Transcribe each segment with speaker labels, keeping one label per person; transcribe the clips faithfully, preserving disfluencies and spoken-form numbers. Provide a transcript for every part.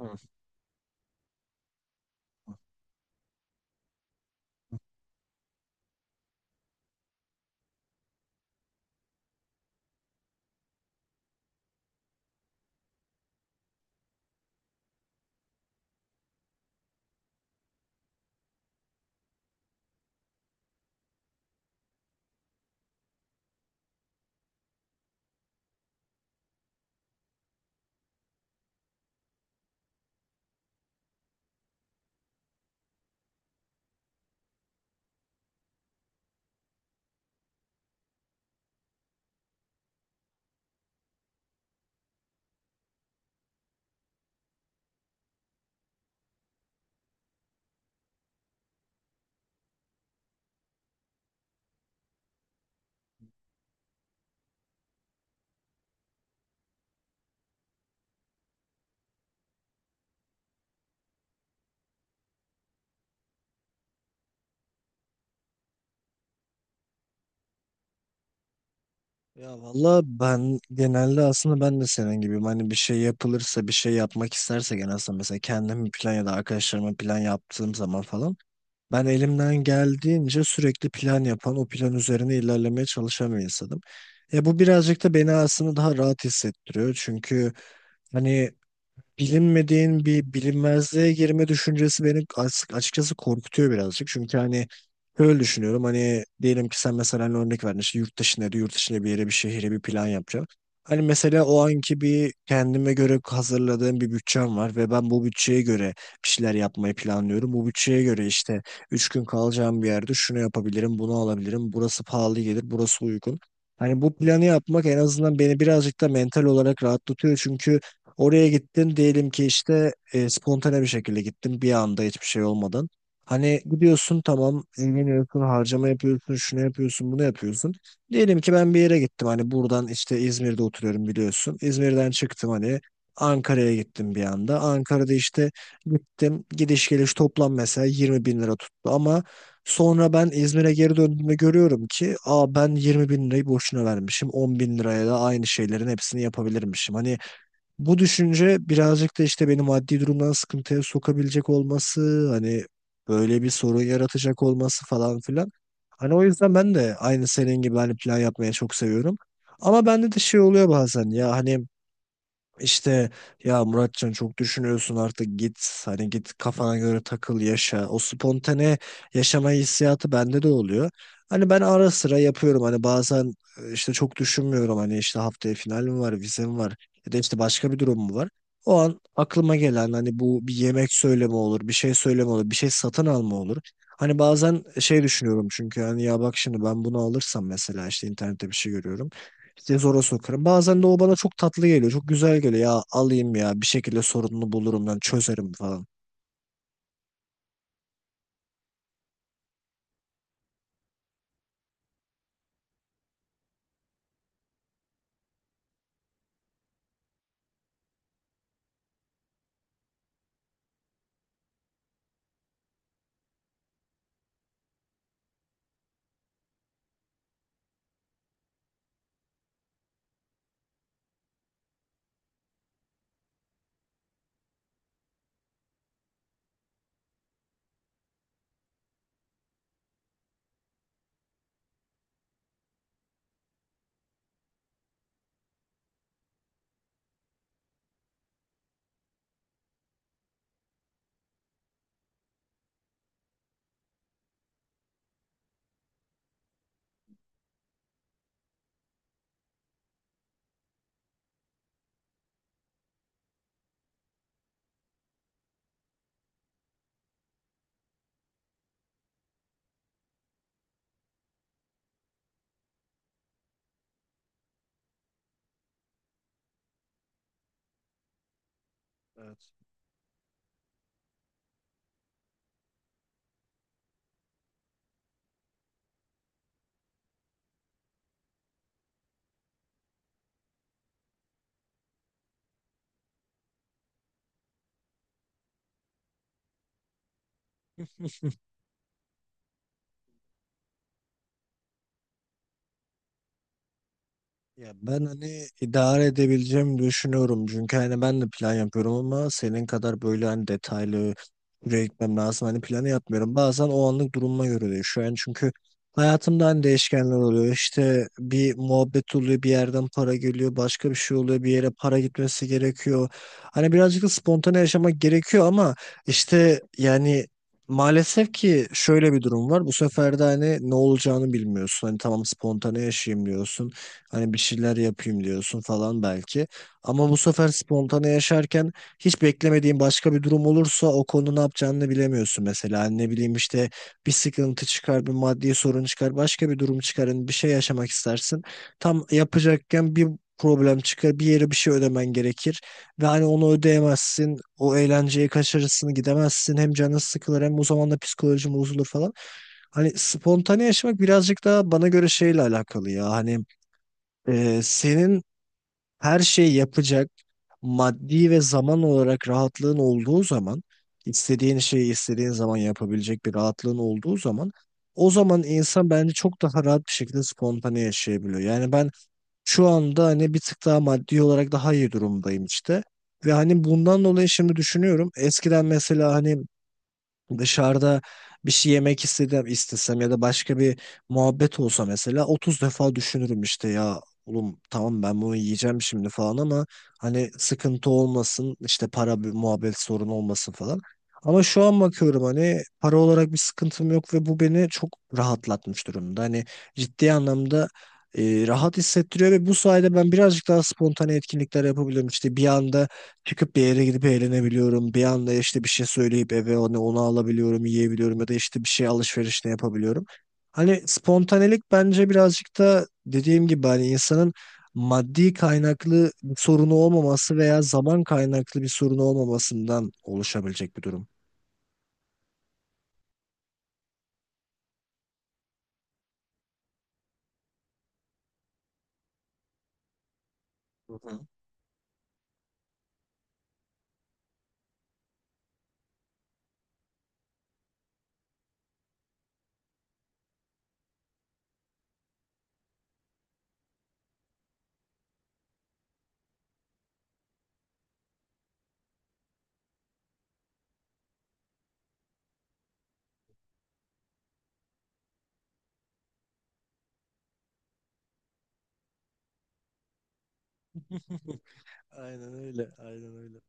Speaker 1: Hı. Ya valla ben genelde aslında ben de senin gibiyim. Hani bir şey yapılırsa, bir şey yapmak isterse genelde aslında mesela kendim bir plan ya da arkadaşlarıma plan yaptığım zaman falan. Ben elimden geldiğince sürekli plan yapan, o plan üzerine ilerlemeye çalışan bir insanım. Ya bu birazcık da beni aslında daha rahat hissettiriyor. Çünkü hani bilinmediğin bir bilinmezliğe girme düşüncesi beni as- açıkçası korkutuyor birazcık. Çünkü hani öyle düşünüyorum hani diyelim ki sen mesela hani örnek verdin işte yurt dışında yurt dışında bir yere bir şehire bir plan yapacağım. Hani mesela o anki bir kendime göre hazırladığım bir bütçem var ve ben bu bütçeye göre bir şeyler yapmayı planlıyorum. Bu bütçeye göre işte üç gün kalacağım bir yerde şunu yapabilirim, bunu alabilirim. Burası pahalı gelir, burası uygun. Hani bu planı yapmak en azından beni birazcık da mental olarak rahatlatıyor. Çünkü oraya gittin diyelim ki işte e, spontane bir şekilde gittin bir anda hiçbir şey olmadan. Hani gidiyorsun tamam eğleniyorsun harcama yapıyorsun şunu yapıyorsun bunu yapıyorsun. Diyelim ki ben bir yere gittim hani buradan işte İzmir'de oturuyorum biliyorsun. İzmir'den çıktım hani Ankara'ya gittim bir anda. Ankara'da işte gittim gidiş geliş toplam mesela yirmi bin lira tuttu ama sonra ben İzmir'e geri döndüğümde görüyorum ki aa ben yirmi bin lirayı boşuna vermişim on bin liraya da aynı şeylerin hepsini yapabilirmişim. Hani bu düşünce birazcık da işte beni maddi durumdan sıkıntıya sokabilecek olması, hani böyle bir sorun yaratacak olması falan filan. Hani o yüzden ben de aynı senin gibi hani plan yapmaya çok seviyorum. Ama bende de şey oluyor bazen ya hani işte ya Muratcan çok düşünüyorsun artık git hani git kafana göre takıl yaşa. O spontane yaşama hissiyatı bende de oluyor. Hani ben ara sıra yapıyorum hani bazen e, işte çok düşünmüyorum hani işte haftaya finalim var, vizem var ya da işte başka bir durum mu var. O an aklıma gelen hani bu bir yemek söyleme olur, bir şey söyleme olur, bir şey satın alma olur. Hani bazen şey düşünüyorum çünkü hani ya bak şimdi ben bunu alırsam mesela işte internette bir şey görüyorum. İşte zora sokarım. Bazen de o bana çok tatlı geliyor. Çok güzel geliyor. Ya alayım ya bir şekilde sorununu bulurum ben çözerim falan. Evet. Ya ben hani idare edebileceğimi düşünüyorum. Çünkü hani ben de plan yapıyorum ama senin kadar böyle hani detaylı buraya gitmem lazım. Hani planı yapmıyorum. Bazen o anlık durumuma göre değişiyor. Yani çünkü hayatımda hani değişkenler oluyor. İşte bir muhabbet oluyor, bir yerden para geliyor, başka bir şey oluyor, bir yere para gitmesi gerekiyor. Hani birazcık da spontane yaşamak gerekiyor ama işte yani maalesef ki şöyle bir durum var. Bu sefer de hani ne olacağını bilmiyorsun. Hani tamam spontane yaşayayım diyorsun. Hani bir şeyler yapayım diyorsun falan belki. Ama bu sefer spontane yaşarken hiç beklemediğin başka bir durum olursa o konu ne yapacağını bilemiyorsun mesela. Hani ne bileyim işte bir sıkıntı çıkar, bir maddi sorun çıkar, başka bir durum çıkar, hani bir şey yaşamak istersin. Tam yapacakken bir problem çıkar, bir yere bir şey ödemen gerekir ve hani onu ödeyemezsin, o eğlenceyi kaçırırsın, gidemezsin, hem canın sıkılır hem o zaman da psikolojim bozulur falan. Hani spontane yaşamak birazcık daha bana göre şeyle alakalı ya. Hani ee, senin her şeyi yapacak maddi ve zaman olarak rahatlığın olduğu zaman istediğin şeyi istediğin zaman yapabilecek bir rahatlığın olduğu zaman o zaman insan bence çok daha rahat bir şekilde spontane yaşayabiliyor. Yani ben şu anda hani bir tık daha maddi olarak daha iyi durumdayım işte. Ve hani bundan dolayı şimdi düşünüyorum. Eskiden mesela hani dışarıda bir şey yemek istedim, istesem ya da başka bir muhabbet olsa mesela otuz defa düşünürüm işte ya oğlum tamam ben bunu yiyeceğim şimdi falan ama hani sıkıntı olmasın işte para bir muhabbet sorunu olmasın falan. Ama şu an bakıyorum hani para olarak bir sıkıntım yok ve bu beni çok rahatlatmış durumda. Hani ciddi anlamda e, rahat hissettiriyor ve bu sayede ben birazcık daha spontane etkinlikler yapabiliyorum. İşte bir anda çıkıp bir yere gidip eğlenebiliyorum. Bir anda işte bir şey söyleyip eve onu, onu alabiliyorum, yiyebiliyorum ya da işte bir şey alışverişle yapabiliyorum. Hani spontanelik bence birazcık da dediğim gibi hani insanın maddi kaynaklı bir sorunu olmaması veya zaman kaynaklı bir sorunu olmamasından oluşabilecek bir durum. Hı hı. Aynen öyle, aynen öyle.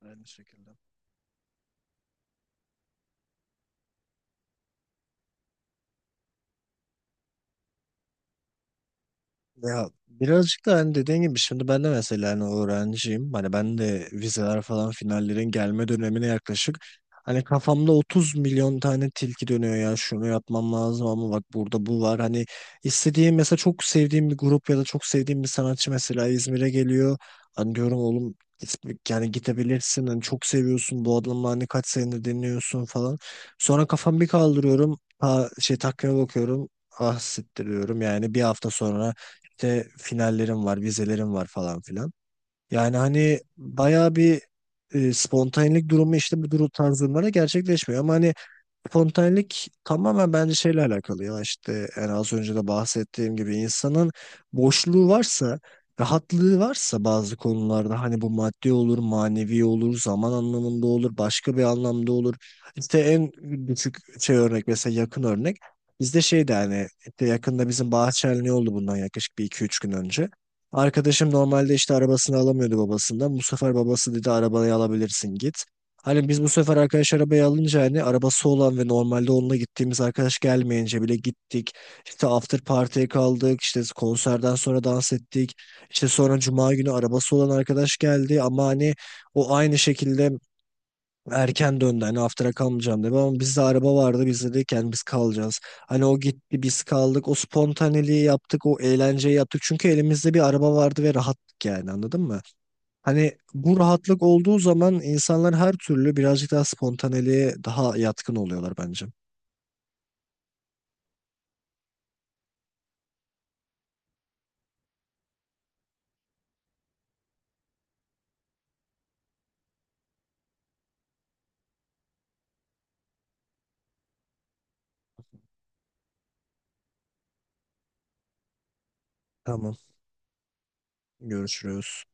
Speaker 1: Aynı şekilde. Ya birazcık da hani dediğin gibi şimdi ben de mesela hani öğrenciyim. Hani ben de vizeler falan finallerin gelme dönemine yaklaşık. Hani kafamda otuz milyon tane tilki dönüyor ya şunu yapmam lazım ama bak burada bu var. Hani istediğim mesela çok sevdiğim bir grup ya da çok sevdiğim bir sanatçı mesela İzmir'e geliyor. Hani diyorum oğlum git- yani gidebilirsin hani çok seviyorsun bu adamı hani kaç senedir dinliyorsun falan. Sonra kafamı bir kaldırıyorum. Ha, şey takvime bakıyorum. Ah siktir diyorum. Yani bir hafta sonra işte finallerim var, vizelerim var falan filan. Yani hani bayağı bir e, spontanelik durumu işte bu durum tarz durumlarda gerçekleşmiyor. Ama hani spontanelik tamamen bence şeyle alakalı ya işte en az önce de bahsettiğim gibi insanın boşluğu varsa rahatlığı varsa bazı konularda hani bu maddi olur manevi olur zaman anlamında olur başka bir anlamda olur. İşte en küçük şey örnek mesela yakın örnek bizde şeydi hani işte yakında bizim bahçeli oldu bundan yaklaşık bir iki üç gün önce arkadaşım normalde işte arabasını alamıyordu babasından bu sefer babası dedi arabayı alabilirsin git. Hani biz bu sefer arkadaş arabayı alınca hani arabası olan ve normalde onunla gittiğimiz arkadaş gelmeyince bile gittik. İşte after party'ye kaldık. İşte konserden sonra dans ettik. İşte sonra cuma günü arabası olan arkadaş geldi ama hani o aynı şekilde erken döndü. Hani after'a kalmayacağım dedi ama bizde araba vardı. Biz dedik yani biz kalacağız. Hani o gitti biz kaldık. O spontaneliği yaptık. O eğlenceyi yaptık. Çünkü elimizde bir araba vardı ve rahattık yani anladın mı? Hani bu rahatlık olduğu zaman insanlar her türlü birazcık daha spontaneliğe daha yatkın oluyorlar bence. Tamam, görüşürüz.